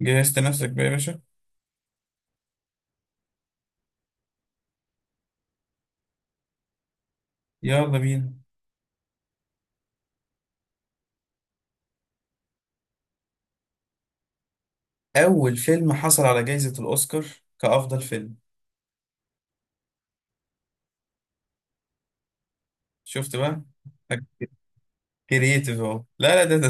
جهزت نفسك بقى يا باشا. يلا بينا. أول فيلم حصل على جائزة الأوسكار كأفضل فيلم؟ شفت بقى؟ كرييتيف أهو. لا لا، ده ده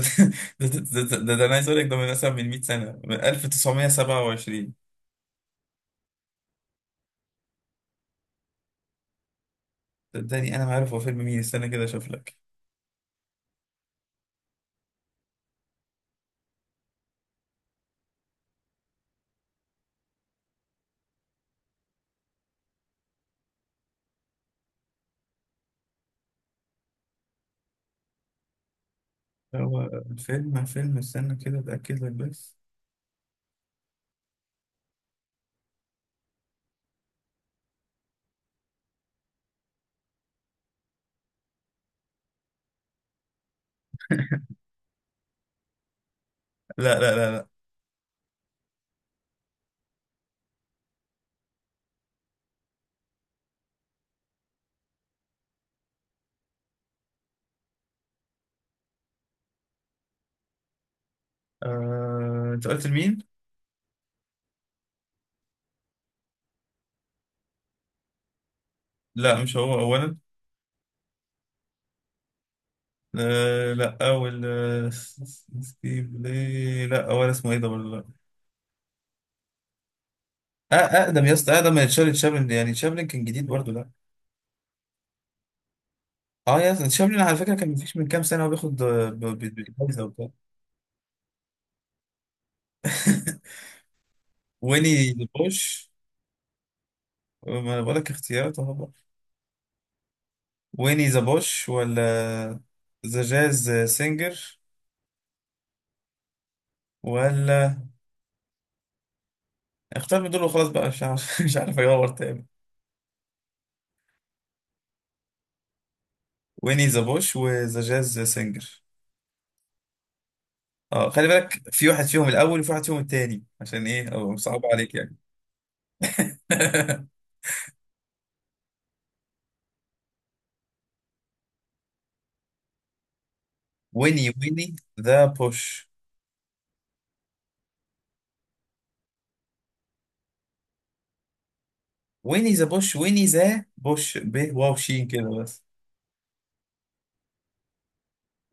ده ده, ده, ده, ده, ده أنا عايز أقول لك، ده من مثلا من 100 سنة، من 1927. صدقني أنا ما عارف هو فيلم مين، استنى كده أشوف لك. هو فيلم استنى كده أتأكد لك بس. لا لا لا لا. أنت قلت لمين؟ لا مش هو أولا. لا أول، ستيف، ليه؟ لا أول اسمه إيه ده ولا؟ أه، اقدم يا اسطى، اقدم من تشارلي تشابلن، يعني تشابلن كان جديد برضه ده. اه يا اسطى تشابلن على فكره كان مفيش من كام سنه هو بياخد جايزه وبتاع. ويني ذا بوش. ما انا بقول لك اختيارات اهو بقى. ويني ذا بوش ولا ذا جاز سينجر ولا؟ اختار من دول وخلاص بقى، مش عارف. مش عارف اجاوب تاني. ويني ذا بوش وذا جاز سينجر. اه، خلي بالك في واحد فيهم الاول وفي واحد فيهم التاني، عشان ايه او صعب عليك يعني. ويني ذا بوش، ويني ذا بوش، ويني ذا بوش، ب واو شين كده بس.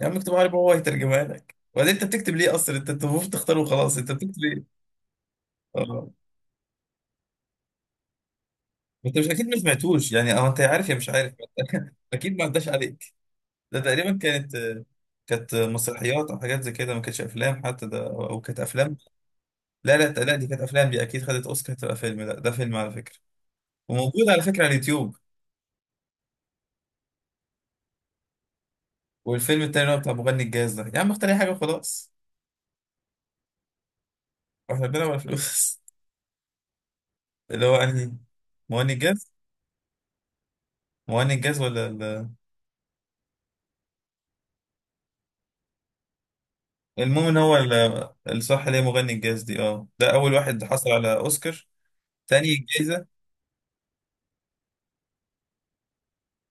يا عم اكتب عربي وهو هيترجمها لك. وبعدين انت بتكتب ليه اصلا؟ انت المفروض تختاره وخلاص. انت بتكتب ايه؟ اه، انت مش اكيد ما سمعتوش يعني، اه انت عارف يا مش عارف. اكيد ما عداش عليك. ده تقريبا كانت، كانت مسرحيات او حاجات زي كده، ما كانتش افلام حتى ده، او كانت افلام. لا لا لا، دي كانت افلام، دي اكيد خدت اوسكار تبقى فيلم، لا ده فيلم على فكره. وموجود على فكره على اليوتيوب. والفيلم التاني اللي هو بتاع مغني الجاز ده، يا عم اختار اي حاجه وخلاص، واحنا بنلعب على فلوس. اللي هو انهي، مغني الجاز؟ مغني الجاز ولا المهم ان هو الصح اللي هي مغني الجاز دي. اه، ده اول واحد حصل على اوسكار. تاني جايزة،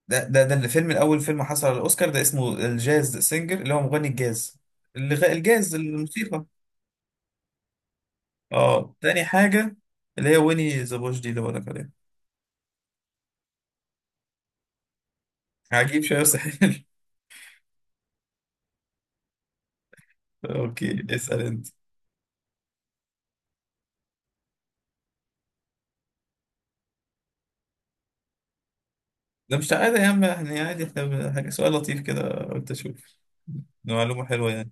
ده الفيلم الاول، فيلم حصل على الاوسكار ده اسمه الجاز سينجر، اللي هو مغني الجاز، الجاز الموسيقى. اه تاني حاجة اللي هي ويني ذا بوش دي اللي بقولك عليها. عجيب شوية بس حلو. اوكي، اسأل انت. ده مش عادي يا عم، احنا عادي، حاجة سؤال لطيف كده قلت اشوف معلومة حلوة يعني.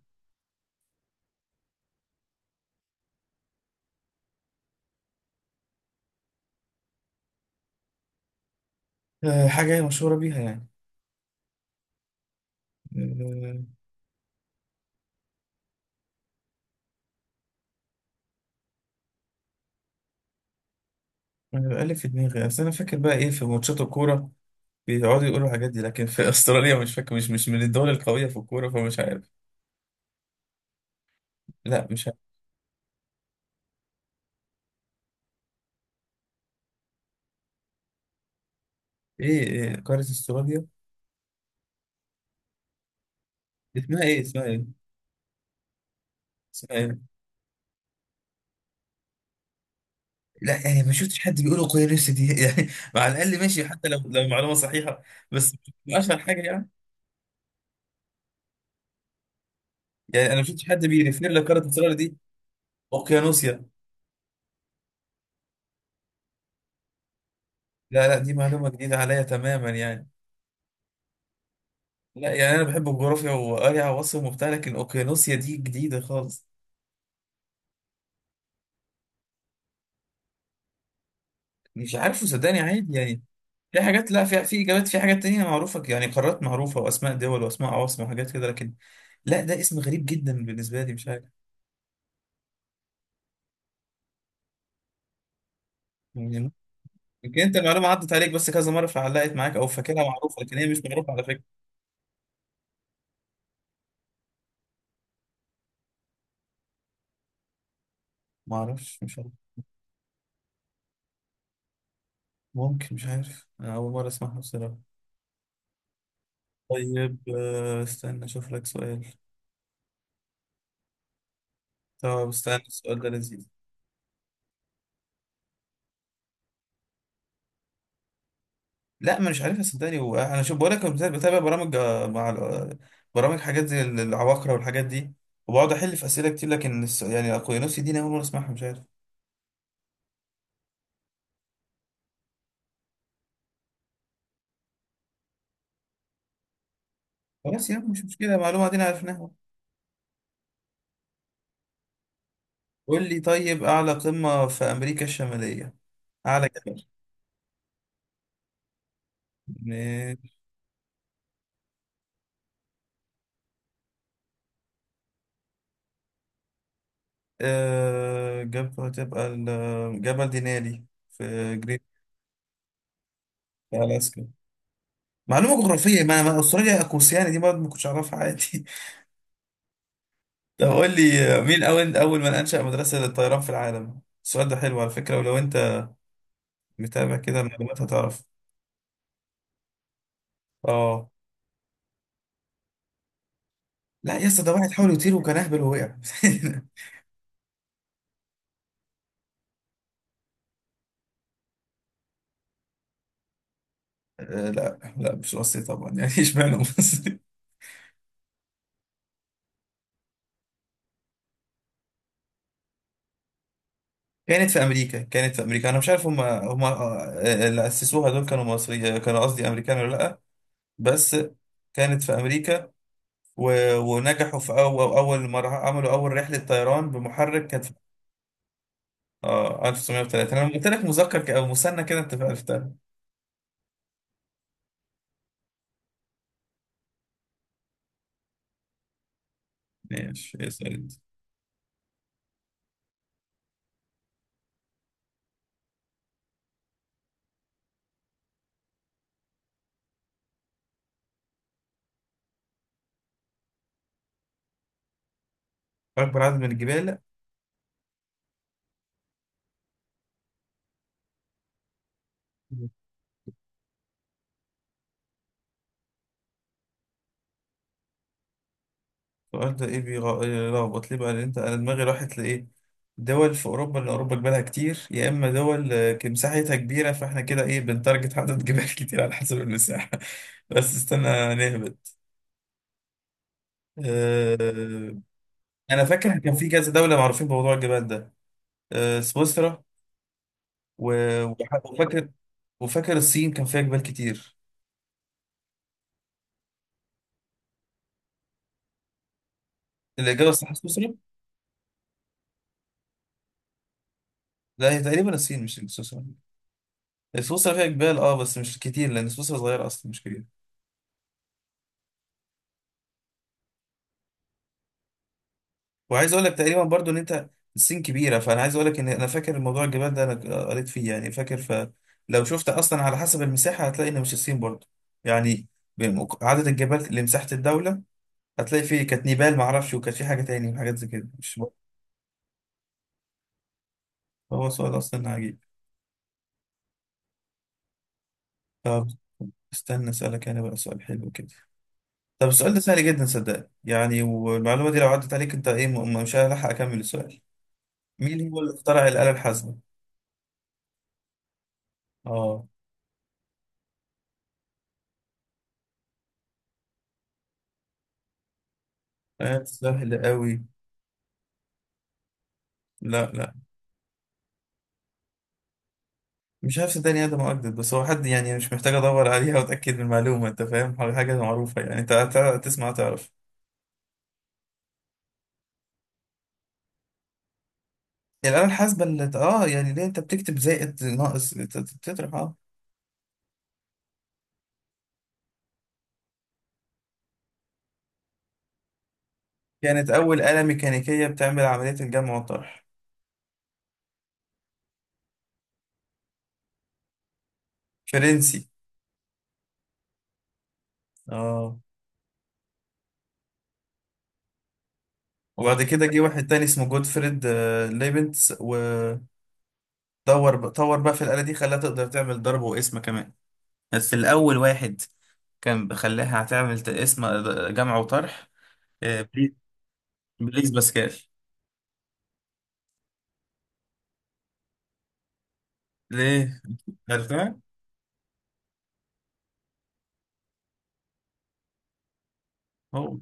حاجة هي مشهورة بيها يعني. انا بقالي في دماغي، اصل انا فاكر بقى ايه في ماتشات الكوره بيقعدوا يقولوا الحاجات دي، لكن في استراليا مش فاكر، مش من الدول القويه في الكوره فمش عارف. لا مش عارف. إيه قاره استراليا؟ اسمها ايه؟ اسمها ايه؟ اسمها ايه؟ لا، يعني ما شفتش حد بيقول القويه نفسي دي. يعني مع الاقل ماشي حتى لو معلومه صحيحه. بس مش اشهر حاجه يعني. يعني انا ما شفتش حد بيريفير لقاره استراليا دي اوقيانوسيا. لا لا دي معلومه جديده عليا تماما يعني. لا يعني انا بحب الجغرافيا وقاري عواصم وبتاع، لكن اوقيانوسيا دي جديده خالص. مش عارفه صدقني، عادي يعني. في حاجات، لا، في اجابات، في حاجات تانية معروفه، يعني قارات معروفه واسماء دول واسماء عواصم وحاجات كده، لكن لا، ده اسم غريب جدا بالنسبه لي مش عارف يعني. يمكن انت المعلومه عدت عليك بس كذا مره فعلقت معاك او فاكرها معروفه، لكن هي مش معروفه على فكره. ما اعرفش مش عارف. ممكن، مش عارف، أنا اول مره اسمعها بصراحه. طيب استنى اشوف لك سؤال. طب استنى، السؤال ده لذيذ. لا ما مش عارفها صدقني. وانا شوف بقول لك، بتابع برامج برامج حاجات زي العباقرة والحاجات دي، وبقعد احل في اسئله كتير، لكن يعني اقوينوس دي انا اول مره اسمعها مش عارف. خلاص يا عم مش مشكله، معلومه دي عرفناها. قول لي طيب، اعلى قمه في امريكا الشماليه، اعلى جبل؟ ماشي. آه، جبل تبقى جبل دينالي، في جريت، في الاسكا. معلومه جغرافيه، ما استراليا اقوسياني دي برضه ما كنتش اعرفها، عادي. طب قول لي، مين أول أول من أنشأ مدرسة للطيران في العالم؟ السؤال ده حلو على فكرة، ولو أنت متابع كده المعلومات هتعرف. آه لا يا اسطى، ده واحد حاول يطير وكان أهبل ووقع. لا لا مش مصري طبعا يعني، اشمعنى مصري؟ كانت في أمريكا، كانت في أمريكا. أنا مش عارف هم هم، اللي أسسوها دول كانوا مصري كانوا، قصدي أمريكان ولا لأ. بس كانت في أمريكا و... ونجحوا في أول أول مرة عملوا أول رحلة طيران بمحرك، كانت في اه 1930. انا لما قلت لك مذكر او مثنى كده انت عرفتها. ماشي، اسأل انت. أكبر عدد من الجبال. السؤال ده إيه بيلخبط ليه بقى؟ لأن أنت، أنا دماغي راحت لإيه، دول في أوروبا لأن أوروبا جبالها كتير، يا إما دول مساحتها كبيرة، فإحنا كده إيه بنتارجت عدد جبال كتير على حسب المساحة. بس استنى نهبط. آه، أنا فاكر كان في كذا دولة معروفين بموضوع الجبال ده، سويسرا وفاكر، وفاكر الصين كان فيها جبال كتير. الإجابة الصح سويسرا؟ لا هي تقريبا الصين مش سويسرا. سويسرا فيها جبال اه، بس مش كتير، لان سويسرا صغيره اصلا مش كبيره. وعايز اقول لك تقريبا برضو ان انت، الصين كبيره، فانا عايز اقول لك ان انا فاكر موضوع الجبال ده، انا قريت فيه يعني فاكر، فلو شفت اصلا على حسب المساحه هتلاقي ان مش الصين برضو يعني. عدد الجبال لمساحه الدوله، هتلاقي فيه كانت نيبال معرفش، وكانت في حاجه تاني وحاجات زي كده مش برضو. هو سؤال اصلا عجيب. طب استنى اسالك انا بقى سؤال حلو كده. طب السؤال ده سهل جدا صدقني يعني، والمعلومه دي لو عدت عليك انت ايه مش هلحق اكمل السؤال. مين هو اللي اخترع الآلة الحاسبة؟ اه، آية سهل قوي. لا لا مش عارف صدقني، ادم اجدد، بس هو حد يعني مش محتاج ادور عليها واتاكد من المعلومه، انت فاهم حاجه معروفه يعني، انت تسمع تعرف. الآلة الحاسبة اللي اه، يعني ليه انت بتكتب زائد ناقص تطرح اه. كانت أول آلة ميكانيكية بتعمل عملية الجمع والطرح. فرنسي. اه، وبعد كده جه واحد تاني اسمه جوتفريد ليبنتس، ودور طور بقى في الآلة دي خلاها تقدر تعمل ضرب وقسمة كمان. بس الأول واحد كان بخليها هتعمل اسم جمع وطرح. بليز، بليز باسكال. ليه؟ عرفتها. هو